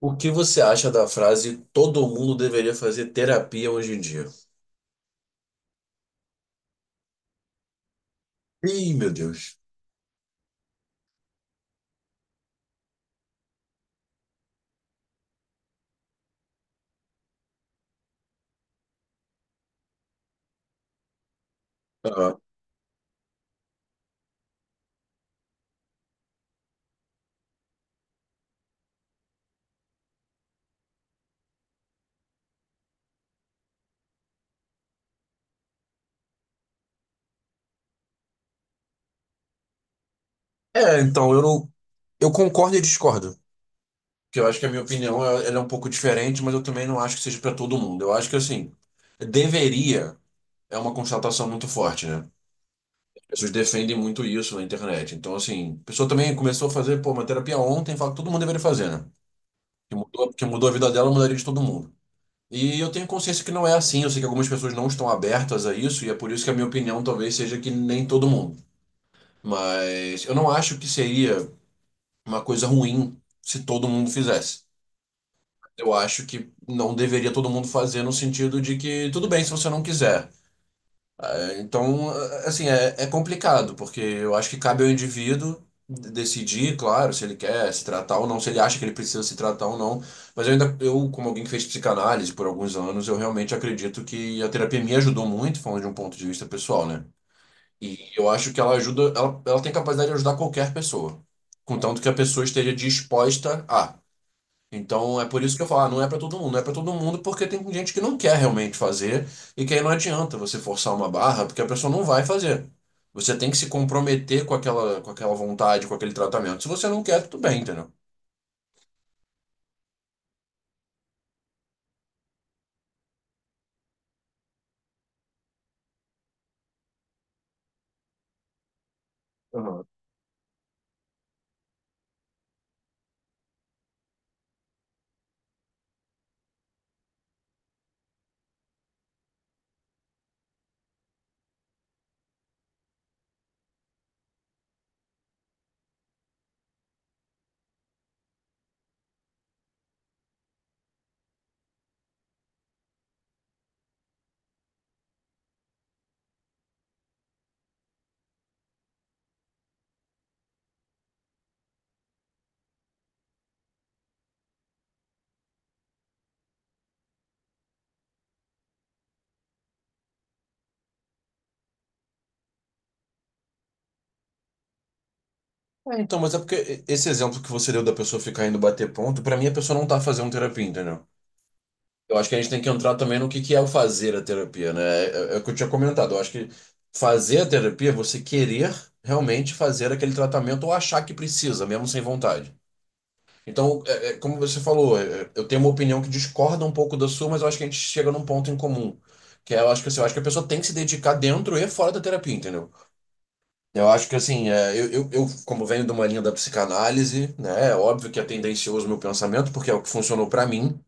O que você acha da frase todo mundo deveria fazer terapia hoje em dia? Ih, meu Deus. Ah. É, então, eu não, eu concordo e discordo. Porque eu acho que a minha opinião ela é um pouco diferente, mas eu também não acho que seja para todo mundo. Eu acho que, assim, deveria é uma constatação muito forte, né? As pessoas defendem muito isso na internet. Então, assim, a pessoa também começou a fazer, pô, uma terapia ontem, fala que todo mundo deveria fazer, né? Que mudou a vida dela, mudaria de todo mundo. E eu tenho consciência que não é assim. Eu sei que algumas pessoas não estão abertas a isso, e é por isso que a minha opinião talvez seja que nem todo mundo. Mas eu não acho que seria uma coisa ruim se todo mundo fizesse. Eu acho que não deveria todo mundo fazer no sentido de que tudo bem se você não quiser. Então, assim, é complicado, porque eu acho que cabe ao indivíduo decidir, claro, se ele quer se tratar ou não, se ele acha que ele precisa se tratar ou não. Mas eu, como alguém que fez psicanálise por alguns anos, eu realmente acredito que a terapia me ajudou muito, falando de um ponto de vista pessoal, né? E eu acho que ela tem capacidade de ajudar qualquer pessoa, contanto que a pessoa esteja disposta a. Então é por isso que eu falo, ah, não é para todo mundo, não é para todo mundo porque tem gente que não quer realmente fazer e que aí não adianta você forçar uma barra porque a pessoa não vai fazer. Você tem que se comprometer com aquela vontade, com aquele tratamento. Se você não quer, tudo bem, entendeu? Aham. É, então, mas é porque esse exemplo que você deu da pessoa ficar indo bater ponto, pra mim a pessoa não tá fazendo terapia, entendeu? Eu acho que a gente tem que entrar também no que é o fazer a terapia, né? É, é o que eu tinha comentado. Eu acho que fazer a terapia é você querer realmente fazer aquele tratamento ou achar que precisa, mesmo sem vontade. Então, é como você falou, é, eu tenho uma opinião que discorda um pouco da sua, mas eu acho que a gente chega num ponto em comum. Que é, eu acho que, assim, eu acho que a pessoa tem que se dedicar dentro e fora da terapia, entendeu? Eu acho que, assim, é, eu, como venho de uma linha da psicanálise, né, é óbvio que é tendencioso o meu pensamento, porque é o que funcionou pra mim.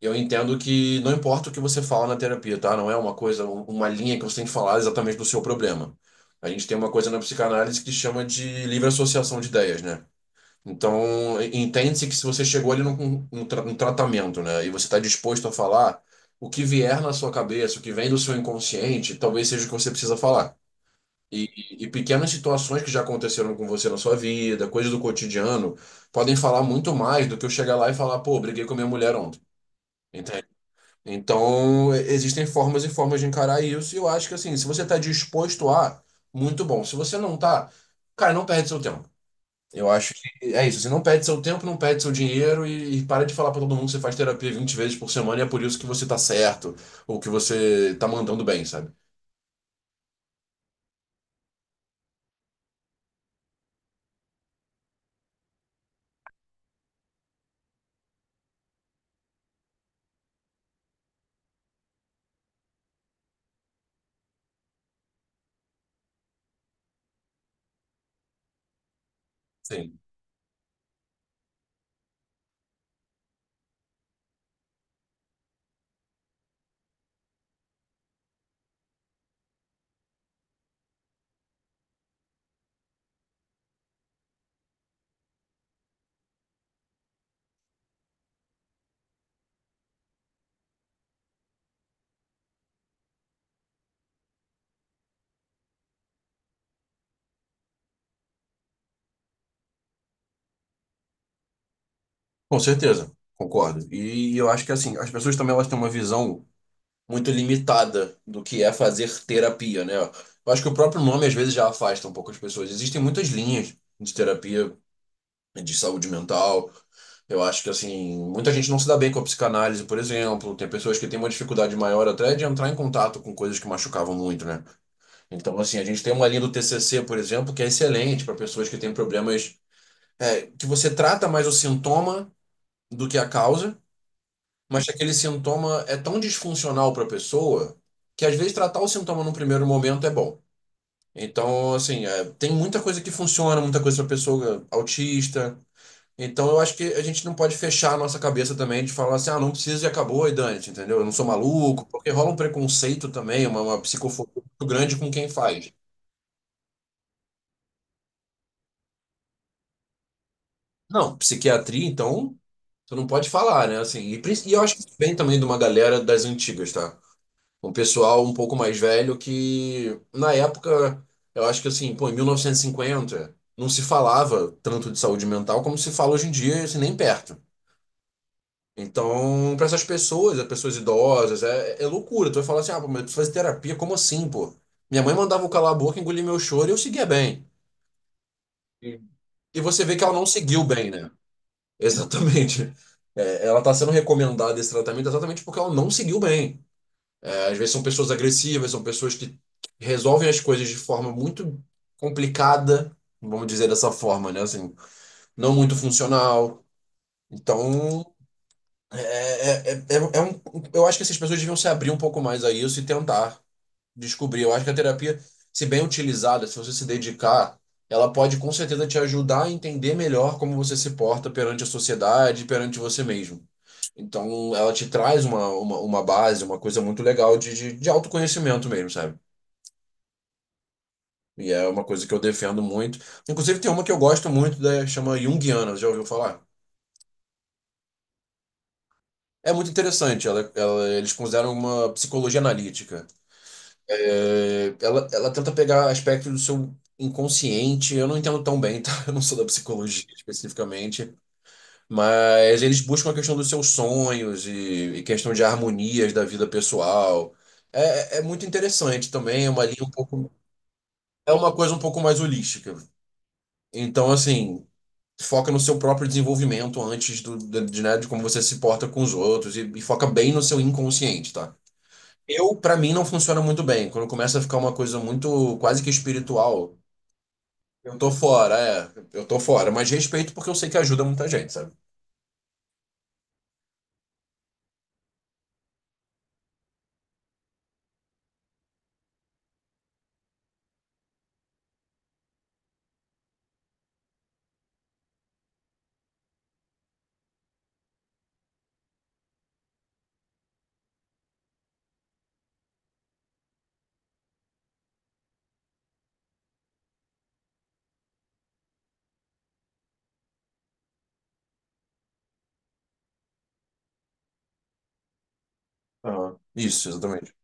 Eu entendo que não importa o que você fala na terapia, tá? Não é uma coisa, uma linha que você tem que falar exatamente do seu problema. A gente tem uma coisa na psicanálise que chama de livre associação de ideias, né? Então, entende-se que se você chegou ali num tratamento, né, e você está disposto a falar, o que vier na sua cabeça, o que vem do seu inconsciente, talvez seja o que você precisa falar. E pequenas situações que já aconteceram com você na sua vida, coisas do cotidiano, podem falar muito mais do que eu chegar lá e falar, pô, briguei com a minha mulher ontem. Entende? Então, existem formas e formas de encarar isso, e eu acho que assim, se você está disposto a, muito bom. Se você não tá, cara, não perde seu tempo. Eu acho que é isso. Você não perde seu tempo, não perde seu dinheiro e para de falar para todo mundo que você faz terapia 20 vezes por semana e é por isso que você tá certo ou que você tá mandando bem, sabe? Sim. Com certeza, concordo. E eu acho que assim, as pessoas também elas têm uma visão muito limitada do que é fazer terapia, né? Eu acho que o próprio nome às vezes já afasta um pouco as pessoas. Existem muitas linhas de terapia de saúde mental. Eu acho que, assim, muita gente não se dá bem com a psicanálise, por exemplo. Tem pessoas que têm uma dificuldade maior até de entrar em contato com coisas que machucavam muito, né? Então, assim, a gente tem uma linha do TCC, por exemplo, que é excelente para pessoas que têm problemas, é, que você trata mais o sintoma do que a causa, mas que aquele sintoma é tão disfuncional para a pessoa que, às vezes, tratar o sintoma num primeiro momento é bom. Então, assim, é, tem muita coisa que funciona, muita coisa para pessoa autista. Então eu acho que a gente não pode fechar a nossa cabeça também de falar assim, ah, não precisa e acabou e dane-se, entendeu? Eu não sou maluco, porque rola um preconceito também, uma psicofobia muito grande com quem faz. Não, psiquiatria, então, tu não pode falar, né? Assim, e eu acho que isso vem também de uma galera das antigas, tá? Um pessoal um pouco mais velho que, na época, eu acho que assim, pô, em 1950, não se falava tanto de saúde mental como se fala hoje em dia, assim, nem perto. Então, para essas pessoas, as pessoas idosas, é loucura. Tu vai falar assim, ah, pô, mas eu preciso fazer terapia, como assim, pô? Minha mãe mandava eu calar a boca, engolir meu choro e eu seguia bem. Sim. E você vê que ela não seguiu bem, né? Exatamente. É, ela está sendo recomendada esse tratamento exatamente porque ela não seguiu bem. É, às vezes são pessoas agressivas, são pessoas que resolvem as coisas de forma muito complicada, vamos dizer dessa forma, né? Assim, não muito funcional. Então, É, é, é, é um, eu acho que essas pessoas deviam se abrir um pouco mais a isso e tentar descobrir. Eu acho que a terapia, se bem utilizada, se você se dedicar, ela pode com certeza te ajudar a entender melhor como você se porta perante a sociedade, perante você mesmo. Então, ela te traz uma base, uma coisa muito legal de autoconhecimento mesmo, sabe? E é uma coisa que eu defendo muito. Inclusive, tem uma que eu gosto muito, chama Jungiana, já ouviu falar? É muito interessante, eles consideram uma psicologia analítica. É, ela tenta pegar aspectos do seu inconsciente. Eu não entendo tão bem, tá? Eu não sou da psicologia especificamente, mas eles buscam a questão dos seus sonhos e questão de harmonias da vida pessoal. É muito interessante também, é uma linha um pouco, é uma coisa um pouco mais holística. Então, assim, foca no seu próprio desenvolvimento antes de, né, de como você se porta com os outros e foca bem no seu inconsciente, tá? Pra mim, não funciona muito bem. Quando começa a ficar uma coisa muito quase que espiritual, eu tô fora, é. Eu tô fora. Mas respeito porque eu sei que ajuda muita gente, sabe? Aham. Isso, exatamente.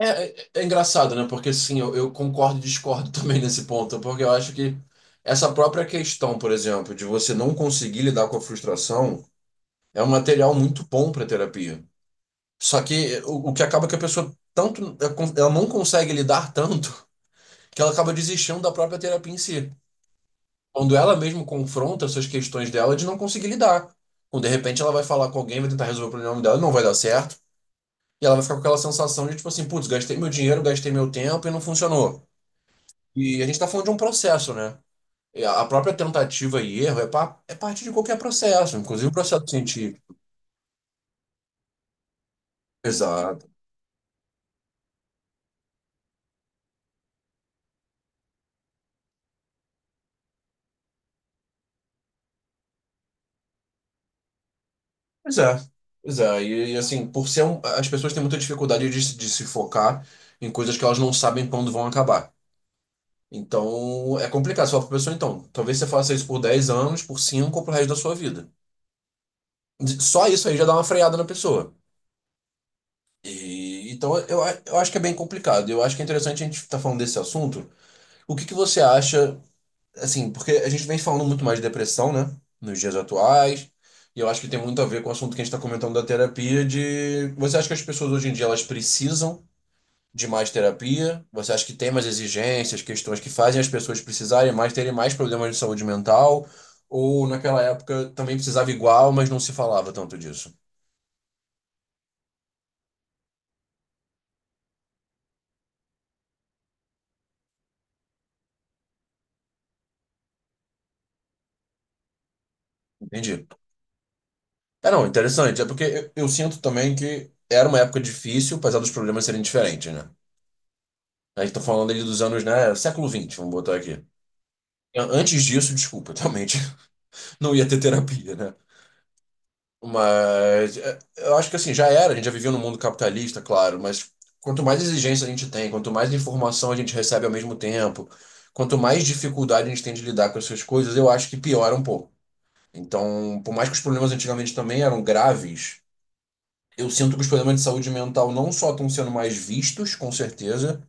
É, é engraçado, né? Porque sim, eu concordo e discordo também nesse ponto, porque eu acho que essa própria questão, por exemplo, de você não conseguir lidar com a frustração, é um material muito bom para terapia. Só que o que acaba é que a pessoa tanto ela não consegue lidar tanto que ela acaba desistindo da própria terapia em si. Quando ela mesmo confronta essas questões dela de não conseguir lidar. Quando de repente ela vai falar com alguém, vai tentar resolver o problema dela, não vai dar certo. E ela vai ficar com aquela sensação de tipo assim, putz, gastei meu dinheiro, gastei meu tempo e não funcionou. E a gente tá falando de um processo, né? E a própria tentativa e erro é parte de qualquer processo, inclusive o processo científico. Exato. Pois é. Pois é. E, assim, as pessoas têm muita dificuldade de se focar em coisas que elas não sabem quando vão acabar. Então, é complicado. Você fala pra pessoa, então, talvez você faça isso por 10 anos, por 5 ou pro resto da sua vida. Só isso aí já dá uma freada na pessoa. E, então, eu acho que é bem complicado. Eu acho que é interessante a gente estar falando desse assunto. O que que você acha, assim, porque a gente vem falando muito mais de depressão, né, nos dias atuais, e eu acho que tem muito a ver com o assunto que a gente está comentando da terapia, de você acha que as pessoas hoje em dia elas precisam de mais terapia? Você acha que tem mais exigências, questões que fazem as pessoas precisarem mais, terem mais problemas de saúde mental? Ou naquela época também precisava igual, mas não se falava tanto disso? Entendi. É, não, interessante. É porque eu sinto também que era uma época difícil, apesar dos problemas serem diferentes, né? A gente tá falando ali dos anos, né? Século XX, vamos botar aqui. Antes disso, desculpa, realmente não ia ter terapia, né? Mas é, eu acho que assim, já era, a gente já vivia num mundo capitalista, claro, mas quanto mais exigência a gente tem, quanto mais informação a gente recebe ao mesmo tempo, quanto mais dificuldade a gente tem de lidar com essas coisas, eu acho que piora um pouco. Então, por mais que os problemas antigamente também eram graves, eu sinto que os problemas de saúde mental não só estão sendo mais vistos, com certeza,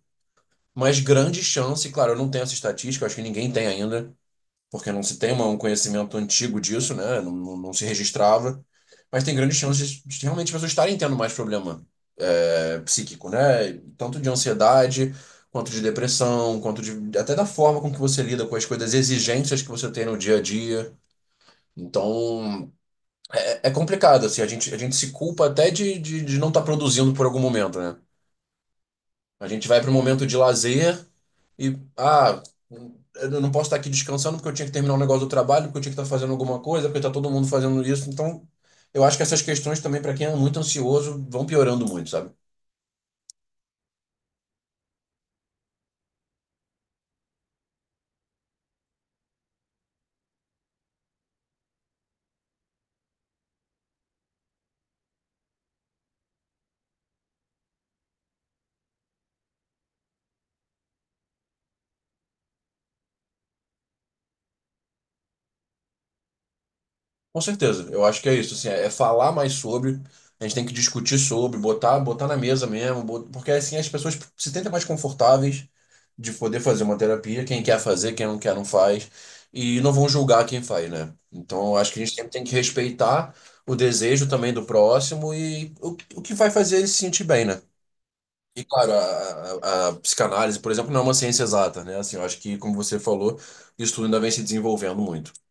mas grande chance, claro, eu não tenho essa estatística, eu acho que ninguém tem ainda, porque não se tem um conhecimento antigo disso, né? Não, não se registrava. Mas tem grandes chances de realmente as pessoas estarem tendo mais problema psíquico, né? Tanto de ansiedade, quanto de depressão, quanto de, até da forma com que você lida com as coisas, as exigências que você tem no dia a dia. Então, é complicado, assim, a gente se culpa até de não estar produzindo por algum momento, né? A gente vai para um momento de lazer. E eu não posso estar aqui descansando porque eu tinha que terminar um negócio do trabalho, porque eu tinha que estar fazendo alguma coisa, porque está todo mundo fazendo isso. Então, eu acho que essas questões também, para quem é muito ansioso, vão piorando muito, sabe? Com certeza, eu acho que é isso, assim, é falar mais sobre, a gente tem que discutir sobre, botar, botar na mesa mesmo, porque assim as pessoas se sentem mais confortáveis de poder fazer uma terapia, quem quer fazer, quem não quer não faz, e não vão julgar quem faz, né? Então eu acho que a gente sempre tem que respeitar o desejo também do próximo e o que vai fazer ele se sentir bem, né? E claro, a psicanálise, por exemplo, não é uma ciência exata, né? Assim, eu acho que, como você falou, isso tudo ainda vem se desenvolvendo muito.